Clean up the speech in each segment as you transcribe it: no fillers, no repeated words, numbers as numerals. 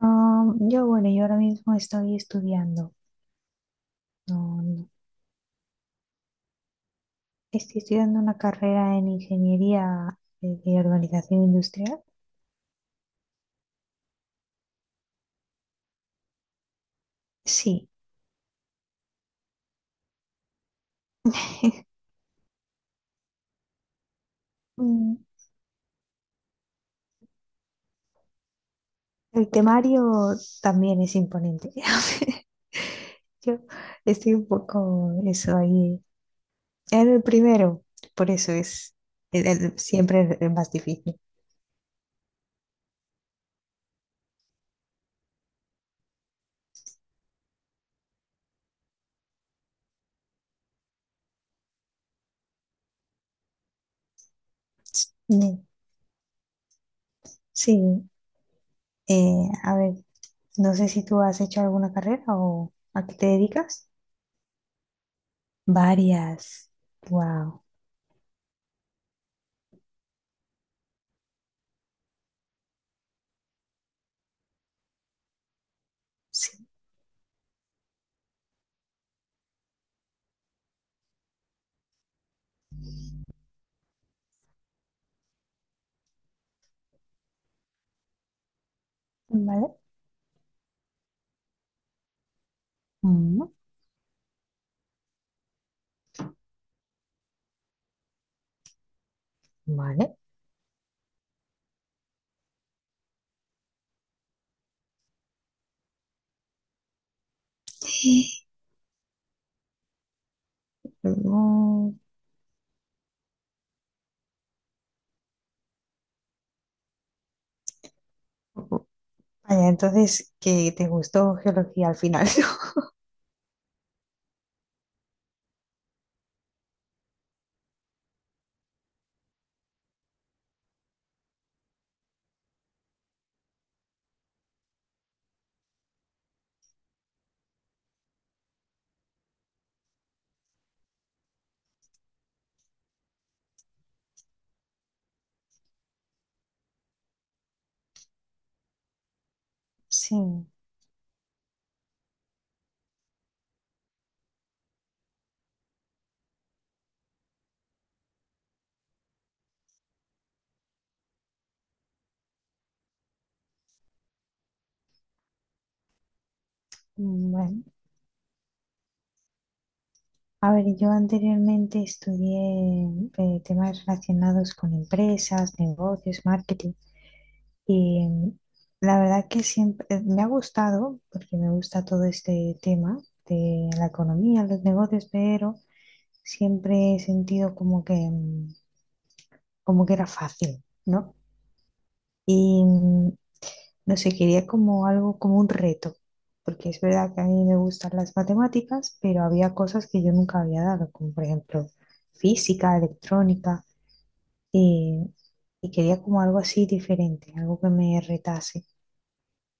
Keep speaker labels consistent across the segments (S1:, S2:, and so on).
S1: Bueno, yo ahora mismo estoy estudiando, no, no, estoy estudiando una carrera en ingeniería de organización industrial. Sí. Mm, el temario también es imponente. Yo estoy un poco eso ahí. Era el primero, por eso es siempre el más difícil. Mm, sí, a ver, no sé si tú has hecho alguna carrera o a qué te dedicas. Varias. Wow. Sí. Vale. Mm, vale. Sí. Mm, Vaya, entonces, que te gustó geología al final, ¿no? Sí. Bueno, a ver, yo anteriormente estudié temas relacionados con empresas, negocios, marketing y la verdad que siempre me ha gustado porque me gusta todo este tema de la economía, los negocios, pero siempre he sentido como que era fácil, ¿no? Y no sé, quería como algo, como un reto, porque es verdad que a mí me gustan las matemáticas, pero había cosas que yo nunca había dado, como por ejemplo física, electrónica, y, y quería como algo así diferente, algo que me retase.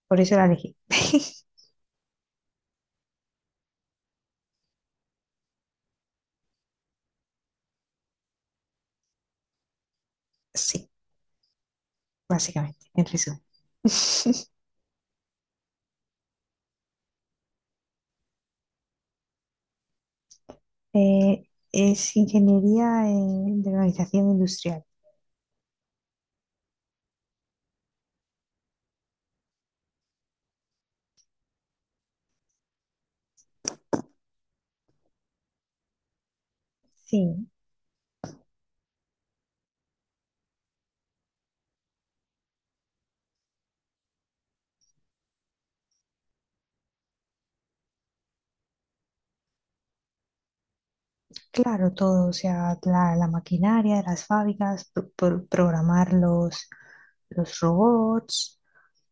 S1: Por eso la elegí. Sí, básicamente, en resumen. Es ingeniería de organización industrial. Sí, claro, todo, o sea, la maquinaria de las fábricas, programar los robots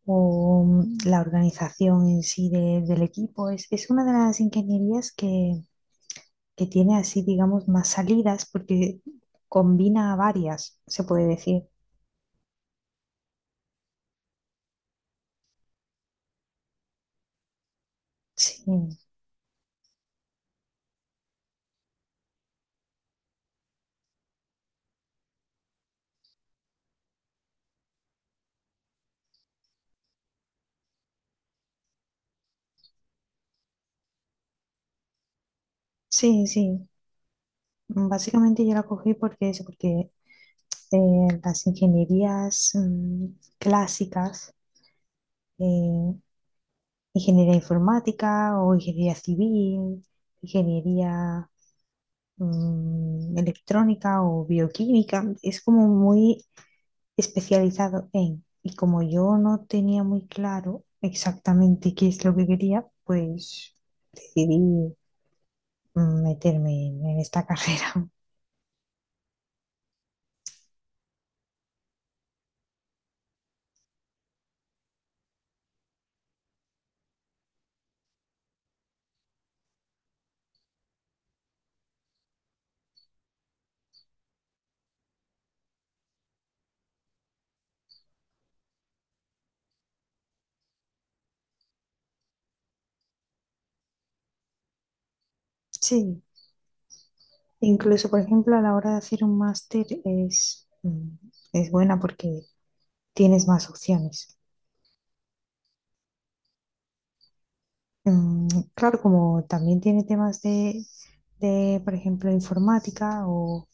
S1: o la organización en sí del equipo. Es una de las ingenierías que tiene así, digamos, más salidas porque combina varias, se puede decir. Sí, sí, sí. Básicamente yo la cogí porque eso, porque las ingenierías clásicas. eh, Ingeniería informática o ingeniería civil, ingeniería electrónica o bioquímica. Es como muy especializado en. Y como yo no tenía muy claro exactamente qué es lo que quería, pues decidí meterme en esta carrera. Sí, incluso por ejemplo a la hora de hacer un máster es buena porque tienes más opciones. Mm, claro, como también tiene temas de, por ejemplo, informática o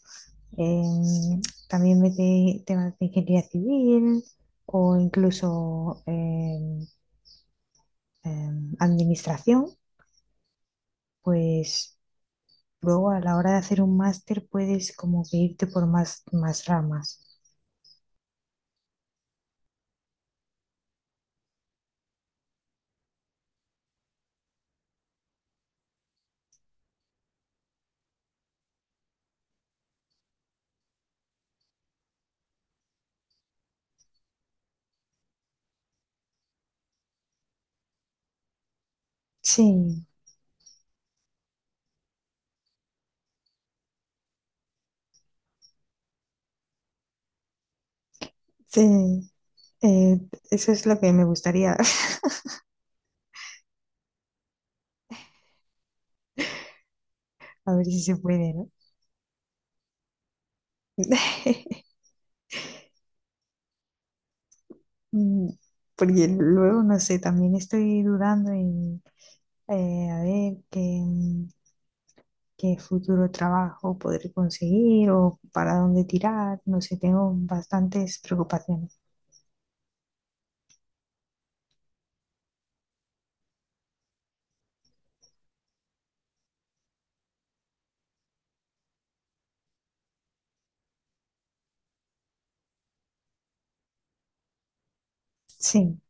S1: em, también mete temas de ingeniería civil o incluso administración, pues luego a la hora de hacer un máster puedes como que irte por más ramas. Sí, sí, eh, eso es lo que me gustaría, a ver si se puede, ¿no? Mm, Porque luego, no sé, también estoy dudando en a ver qué, futuro trabajo podré conseguir o para dónde tirar. No sé, tengo bastantes preocupaciones. Sí,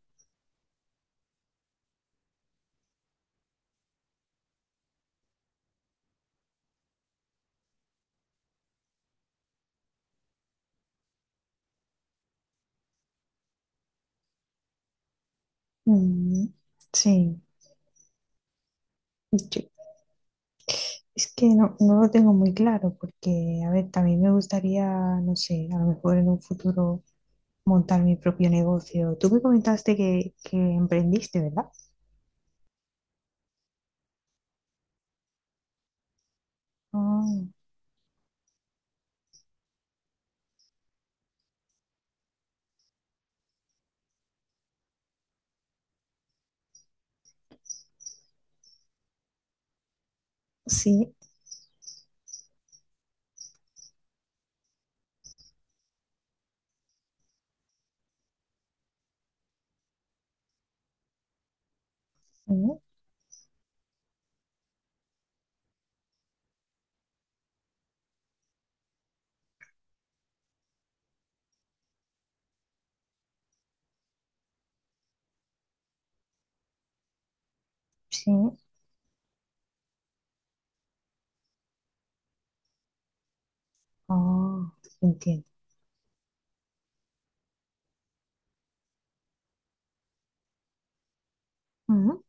S1: mm, sí. Yo- es que no, no lo tengo muy claro porque, a ver, también me gustaría, no sé, a lo mejor en un futuro montar mi propio negocio. Tú me comentaste que emprendiste, ¿verdad? Ah, sí, mm, sí. Oh, entiendo. Ujú,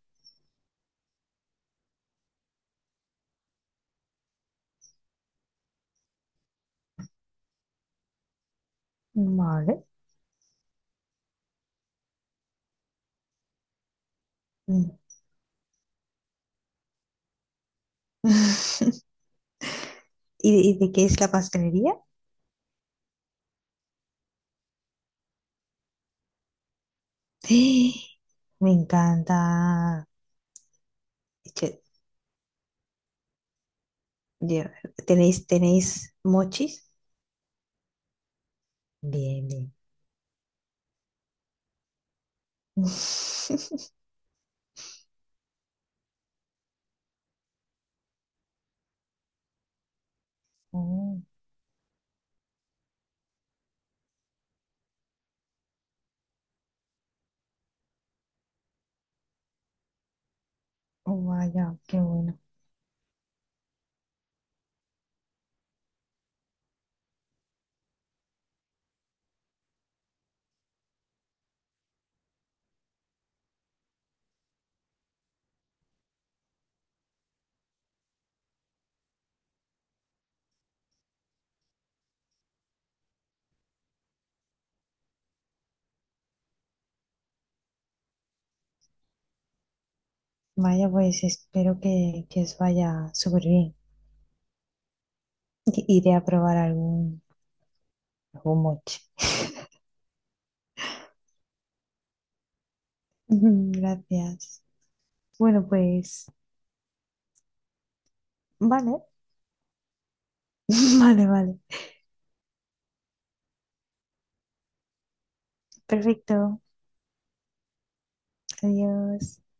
S1: vale. Mm. ¿Y de qué es la pastelería? Me encanta. Che, yo- ¿tenéis mochis? Bien, bien. Oh, oh, vaya, qué bueno. Vaya, pues espero que os vaya súper bien. Iré a probar algún mochi. Ujú, gracias. Bueno, pues, vale. Vale, vale. Perfecto. Adiós.